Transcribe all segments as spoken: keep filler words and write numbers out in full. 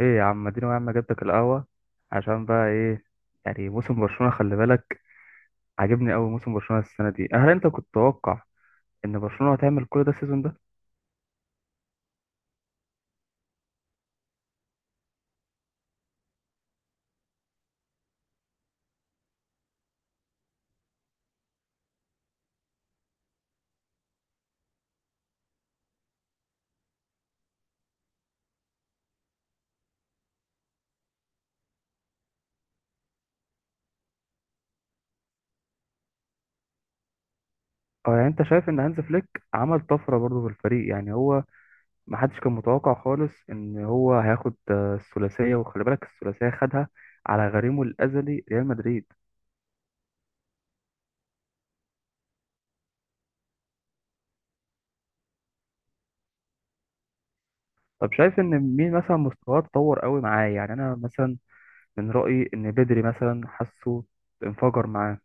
ايه يا عم، اديني يا عم. جبتك القهوة عشان بقى ايه؟ يعني موسم برشلونة، خلي بالك. عاجبني قوي موسم برشلونة السنة دي. هل انت كنت تتوقع ان برشلونة هتعمل كل ده السيزون ده؟ اه، يعني انت شايف ان هانز فليك عمل طفرة برضه في الفريق؟ يعني هو ما حدش كان متوقع خالص ان هو هياخد آه، الثلاثية، وخلي بالك الثلاثية خدها على غريمه الازلي ريال مدريد. طب شايف ان مين مثلا مستواه اتطور قوي معاه؟ يعني انا مثلا من رأيي ان بدري مثلا حاسه انفجر معاه.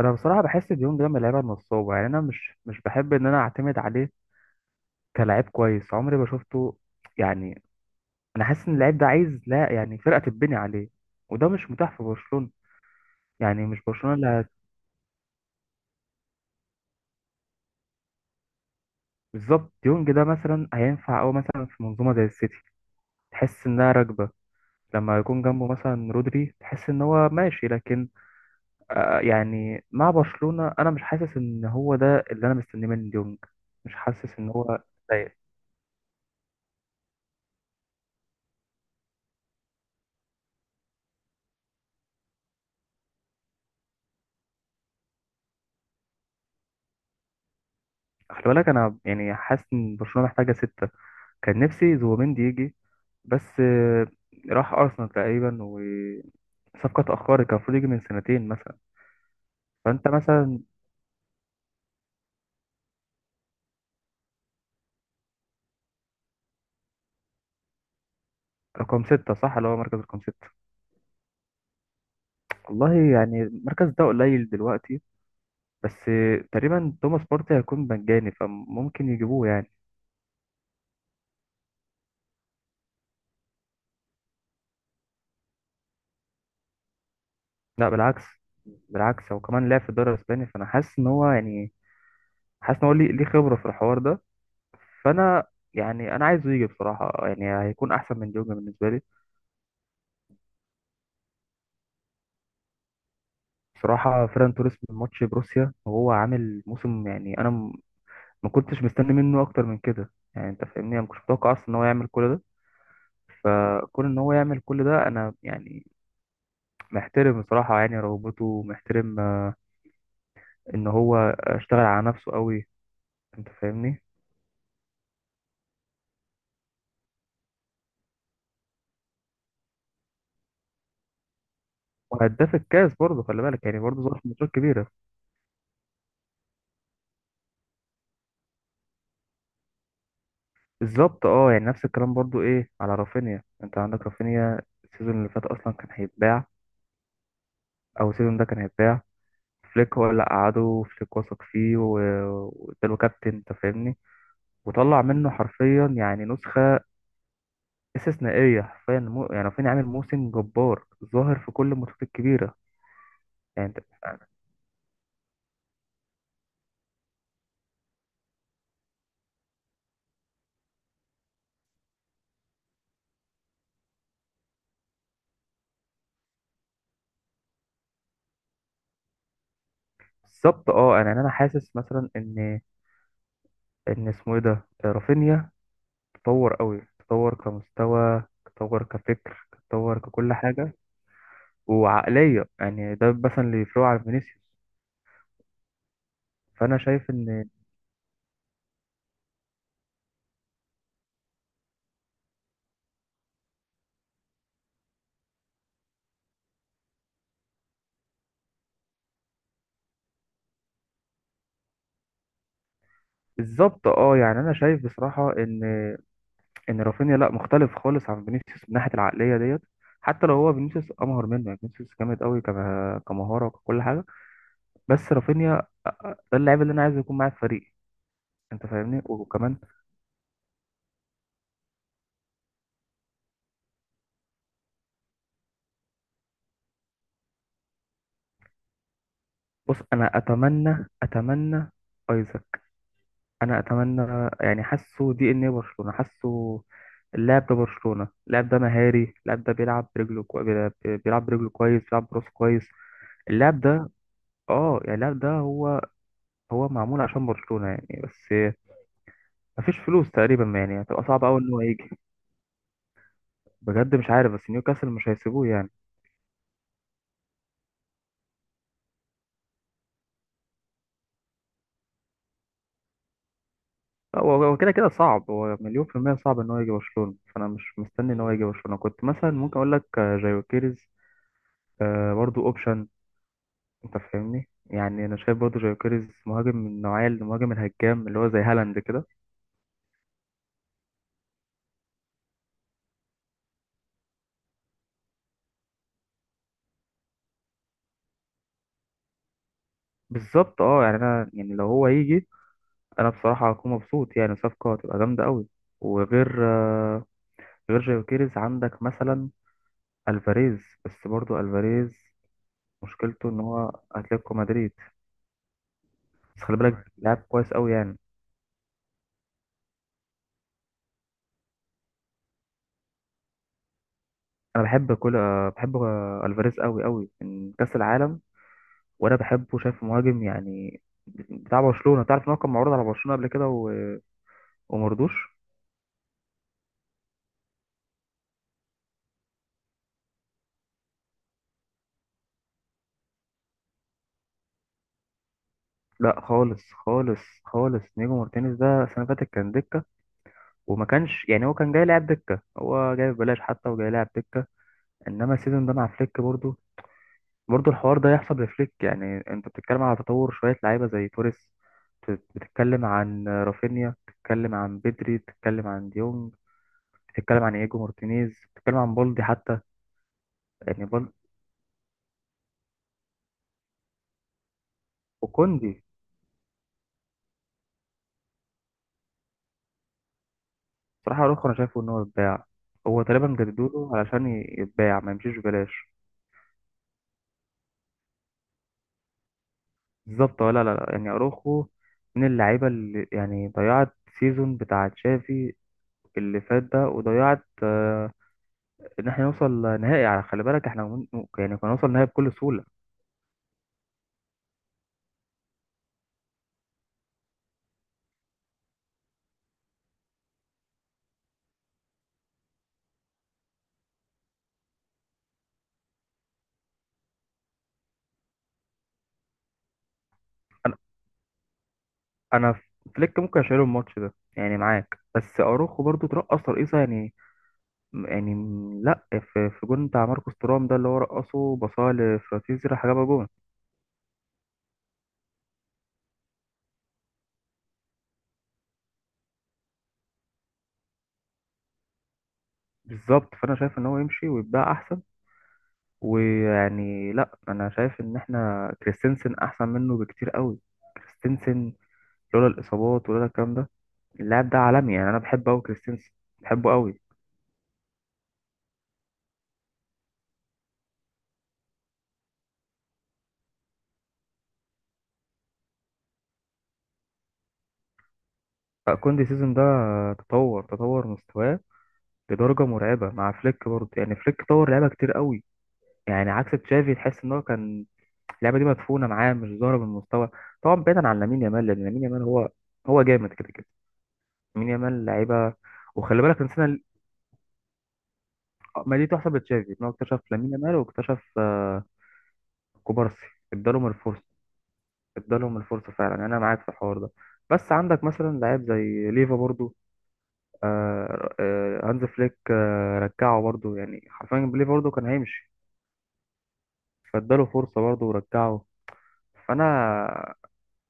انا بصراحه بحس ديونج ده من اللعيبه النصابه، يعني انا مش مش بحب ان انا اعتمد عليه كلاعب كويس، عمري ما شفته يعني. انا حاسس ان اللعيب ده عايز، لا يعني، فرقه تتبني عليه، وده مش متاح في برشلونه. يعني مش برشلونه اللي هت- بالظبط. ديونج ده مثلا هينفع او مثلا في منظومه زي السيتي، تحس انها راكبه. لما يكون جنبه مثلا رودري تحس ان هو ماشي، لكن آه يعني مع برشلونه انا مش حاسس ان هو ده اللي انا مستنيه من ديونج، مش حاسس ان هو. خلي بالك انا يعني حاسس ان برشلونه محتاجه سته. كان نفسي زوبيمندي يجي، بس آه، راح ارسنال تقريبا، وصفقه اتاخرت. كان المفروض يجي من سنتين مثلا. فانت مثلا رقم سته، صح؟ اللي هو مركز رقم سته. والله يعني المركز ده قليل دلوقتي، بس آه، تقريبا توماس بارتي هيكون مجاني فممكن يجيبوه يعني. لا، بالعكس، بالعكس. هو كمان لعب في الدوري الاسباني، فانا حاسس ان هو يعني حاسس ان هو ليه ليه خبره في الحوار ده. فانا يعني انا عايزه يجي بصراحه، يعني هيكون احسن من ديونج بالنسبه لي. بصراحه فيران توريس من ماتش بروسيا وهو عامل موسم، يعني انا م- ما كنتش مستني منه اكتر من كده يعني، انت فاهمني، انا ما كنتش متوقع اصلا ان هو يعمل كل ده. كون ان هو يعمل كل ده انا يعني محترم بصراحه، يعني رغبته، ومحترم آه، ان هو اشتغل على نفسه قوي، انت فاهمني. وهداف الكاس برضه، خلي بالك، يعني برضه ظهر في ماتشات كبيره. بالظبط، اه يعني نفس الكلام برضه ايه على رافينيا. انت عندك رافينيا السيزون اللي فات اصلا كان هيتباع، او سيزون ده كان هيتباع. فليك هو اللي قعده، وفليك وثق فيه و- واداله كابتن، انت فاهمني. وطلع منه حرفيا يعني نسخه استثنائيه، حرفيا مو يعني، فين عامل موسم جبار، ظاهر في كل الماتشات الكبيره. يعني انت- بالظبط، اه يعني انا حاسس مثلا ان ان اسمه ايه ده، رافينيا، تطور قوي. تطور كمستوى، تطور كفكر، تطور ككل حاجه وعقليه. يعني ده مثلا اللي يفرقه عن فينيسيوس، فانا شايف ان بالظبط. اه يعني انا شايف بصراحه ان ان رافينيا لا، مختلف خالص عن فينيسيوس من ناحيه العقليه ديت. حتى لو هو فينيسيوس امهر منه، يعني فينيسيوس جامد قوي كم- كمهاره وكل حاجه. بس رافينيا ده اللاعب اللي انا عايز يكون معايا في فريقي، انت فاهمني، وكمان. بص، انا اتمنى اتمنى ايزاك. انا اتمنى، يعني حاسه دي ان ايه، برشلونه حاسه. اللاعب ده برشلونه، اللاعب ده مهاري، اللاعب ده بيلعب برجله كو... بيلعب بيلعب برجله كويس، بيلعب براسه كويس. اللاعب ده، اه يعني اللاعب ده، هو هو معمول عشان برشلونه يعني. بس مفيش فلوس تقريبا يعني، هتبقى صعب قوي ان هو يجي. بجد مش عارف، بس نيوكاسل مش هيسيبوه يعني. لا هو هو كده كده صعب. هو مليون في المية صعب ان هو يجي برشلونة، فانا مش مستني ان هو يجي برشلونة. كنت مثلا ممكن اقول لك آه، جايو كيريز آه، برضو اوبشن. انت فاهمني، يعني انا شايف برضو جايو كيريز مهاجم من النوعية، المهاجم الهجام اللي هو زي هالاند كده. بالظبط، اه يعني انا يعني لو هو يجي، انا بصراحة هكون مبسوط، يعني صفقة هتبقى جامدة قوي. وغير آه، غير جايو كيريز، عندك مثلا الفاريز. بس برضو الفاريز مشكلته ان هو اتلتيكو مدريد. بس خلي بالك، تمام، لعب كويس قوي يعني. انا بحب كل آه، بحب آه، الفاريز قوي قوي من كاس العالم. وانا بحبه، شايف مهاجم يعني بتاع برشلونه. تعرف ان هو كان معروض على برشلونه قبل كده و... ومرضوش. لا خالص خالص خالص، نيجو مارتينيز ده السنه اللي فاتت كان دكه. وما كانش يعني، هو كان جاي لاعب دكه، هو جاي ببلاش حتى وجاي لاعب دكه. انما السيزون ده مع فليك برضه برضه الحوار ده يحصل بفليك. يعني انت بتتكلم على تطور شوية لعيبة زي توريس، بت- بتتكلم عن رافينيا، بتتكلم عن بدري، بتتكلم عن ديونج، بتتكلم عن ايجو مارتينيز، بتتكلم عن بالدي حتى. يعني بال وكوندي. بصراحة اروخو انا شايفه ان هو يتباع، هو تقريبا جددوا له علشان ي- يتباع، ما يمشيش ببلاش. بالظبط، ولا لا لا، يعني اروخو من اللعيبة اللي يعني ضيعت سيزون بتاع تشافي اللي فات ده، وضيعت ان احنا نوصل نهائي. على خلي بالك احنا ممكن يعني كنا نوصل نهائي بكل سهوله. انا انا فليك ممكن اشيله الماتش ده يعني، معاك، بس اروخو برضو ترقص ترقيصه يعني. يعني لا، في في جون بتاع ماركوس تورام ده اللي هو رقصه بصاله لفراتيزي راح جابها جون. بالظبط، فانا شايف ان هو يمشي ويتباع احسن. ويعني لا، انا شايف ان احنا كريستنسن احسن منه بكتير قوي. كريستنسن لولا الاصابات، ولولا الكلام ده، اللاعب ده عالمي يعني، انا بحبه قوي كريستنسن، بحبه قوي. كوندي السيزون ده تطور تطور مستواه لدرجة مرعبة مع فليك برضه، يعني فليك طور لعيبة كتير قوي. يعني عكس تشافي، تحس ان هو كان اللعبة دي مدفونة معاه، مش ظاهرة بالمستوى. طبعا بعيدا عن لامين يامال، لان لامين يامال هو هو جامد كده كده. لامين يامال لعيبة، وخلي بالك، نسينا، ما دي تحسب لتشافي ان هو اكتشف لامين يامال واكتشف آه، كوبارسي. ادالهم الفرصة، ادالهم الفرصة فعلا يعني، انا معاك في الحوار ده. بس عندك مثلا لعيب زي ليفا برضه. آه آه، هانز فليك آه رجعه برضه يعني حرفيا، بيليه برضه كان هيمشي، فاداله فرصة برضه ورجعه. فأنا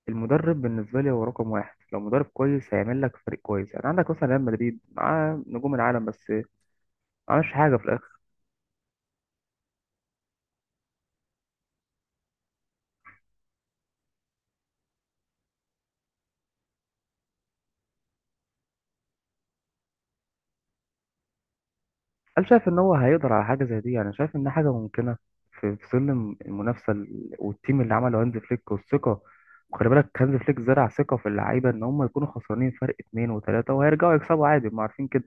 المدرب بالنسبة لي هو رقم واحد. لو مدرب كويس هيعمل لك فريق كويس، يعني عندك مثلا ريال مدريد معاه نجوم العالم بس ما عملش حاجة في الآخر. هل شايف إن هو هيقدر على حاجة زي دي؟ يعني شايف إن حاجة ممكنة في في ظل المنافسة، ال- والتيم اللي عمله هانز فليك والثقة. وخلي بالك هانز فليك زرع ثقة في اللعيبة إن هم يكونوا خسرانين فرق اتنين وتلاتة وهيرجعوا يكسبوا عادي، ما عارفين كده.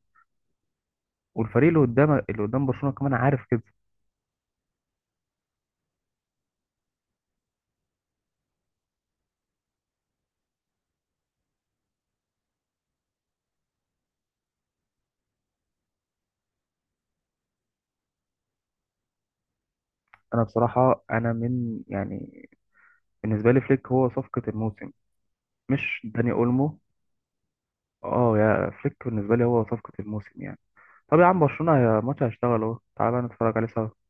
والفريق اللي قدام، اللي قدام برشلونة كمان عارف كده. انا بصراحة انا من يعني، بالنسبة لي فليك هو صفقة الموسم، مش داني اولمو. اه، يا فليك بالنسبة لي هو صفقة الموسم يعني. طب يا عم برشلونة، يا ماتش هيشتغل اهو، تعالى بقى نتفرج عليه سوا.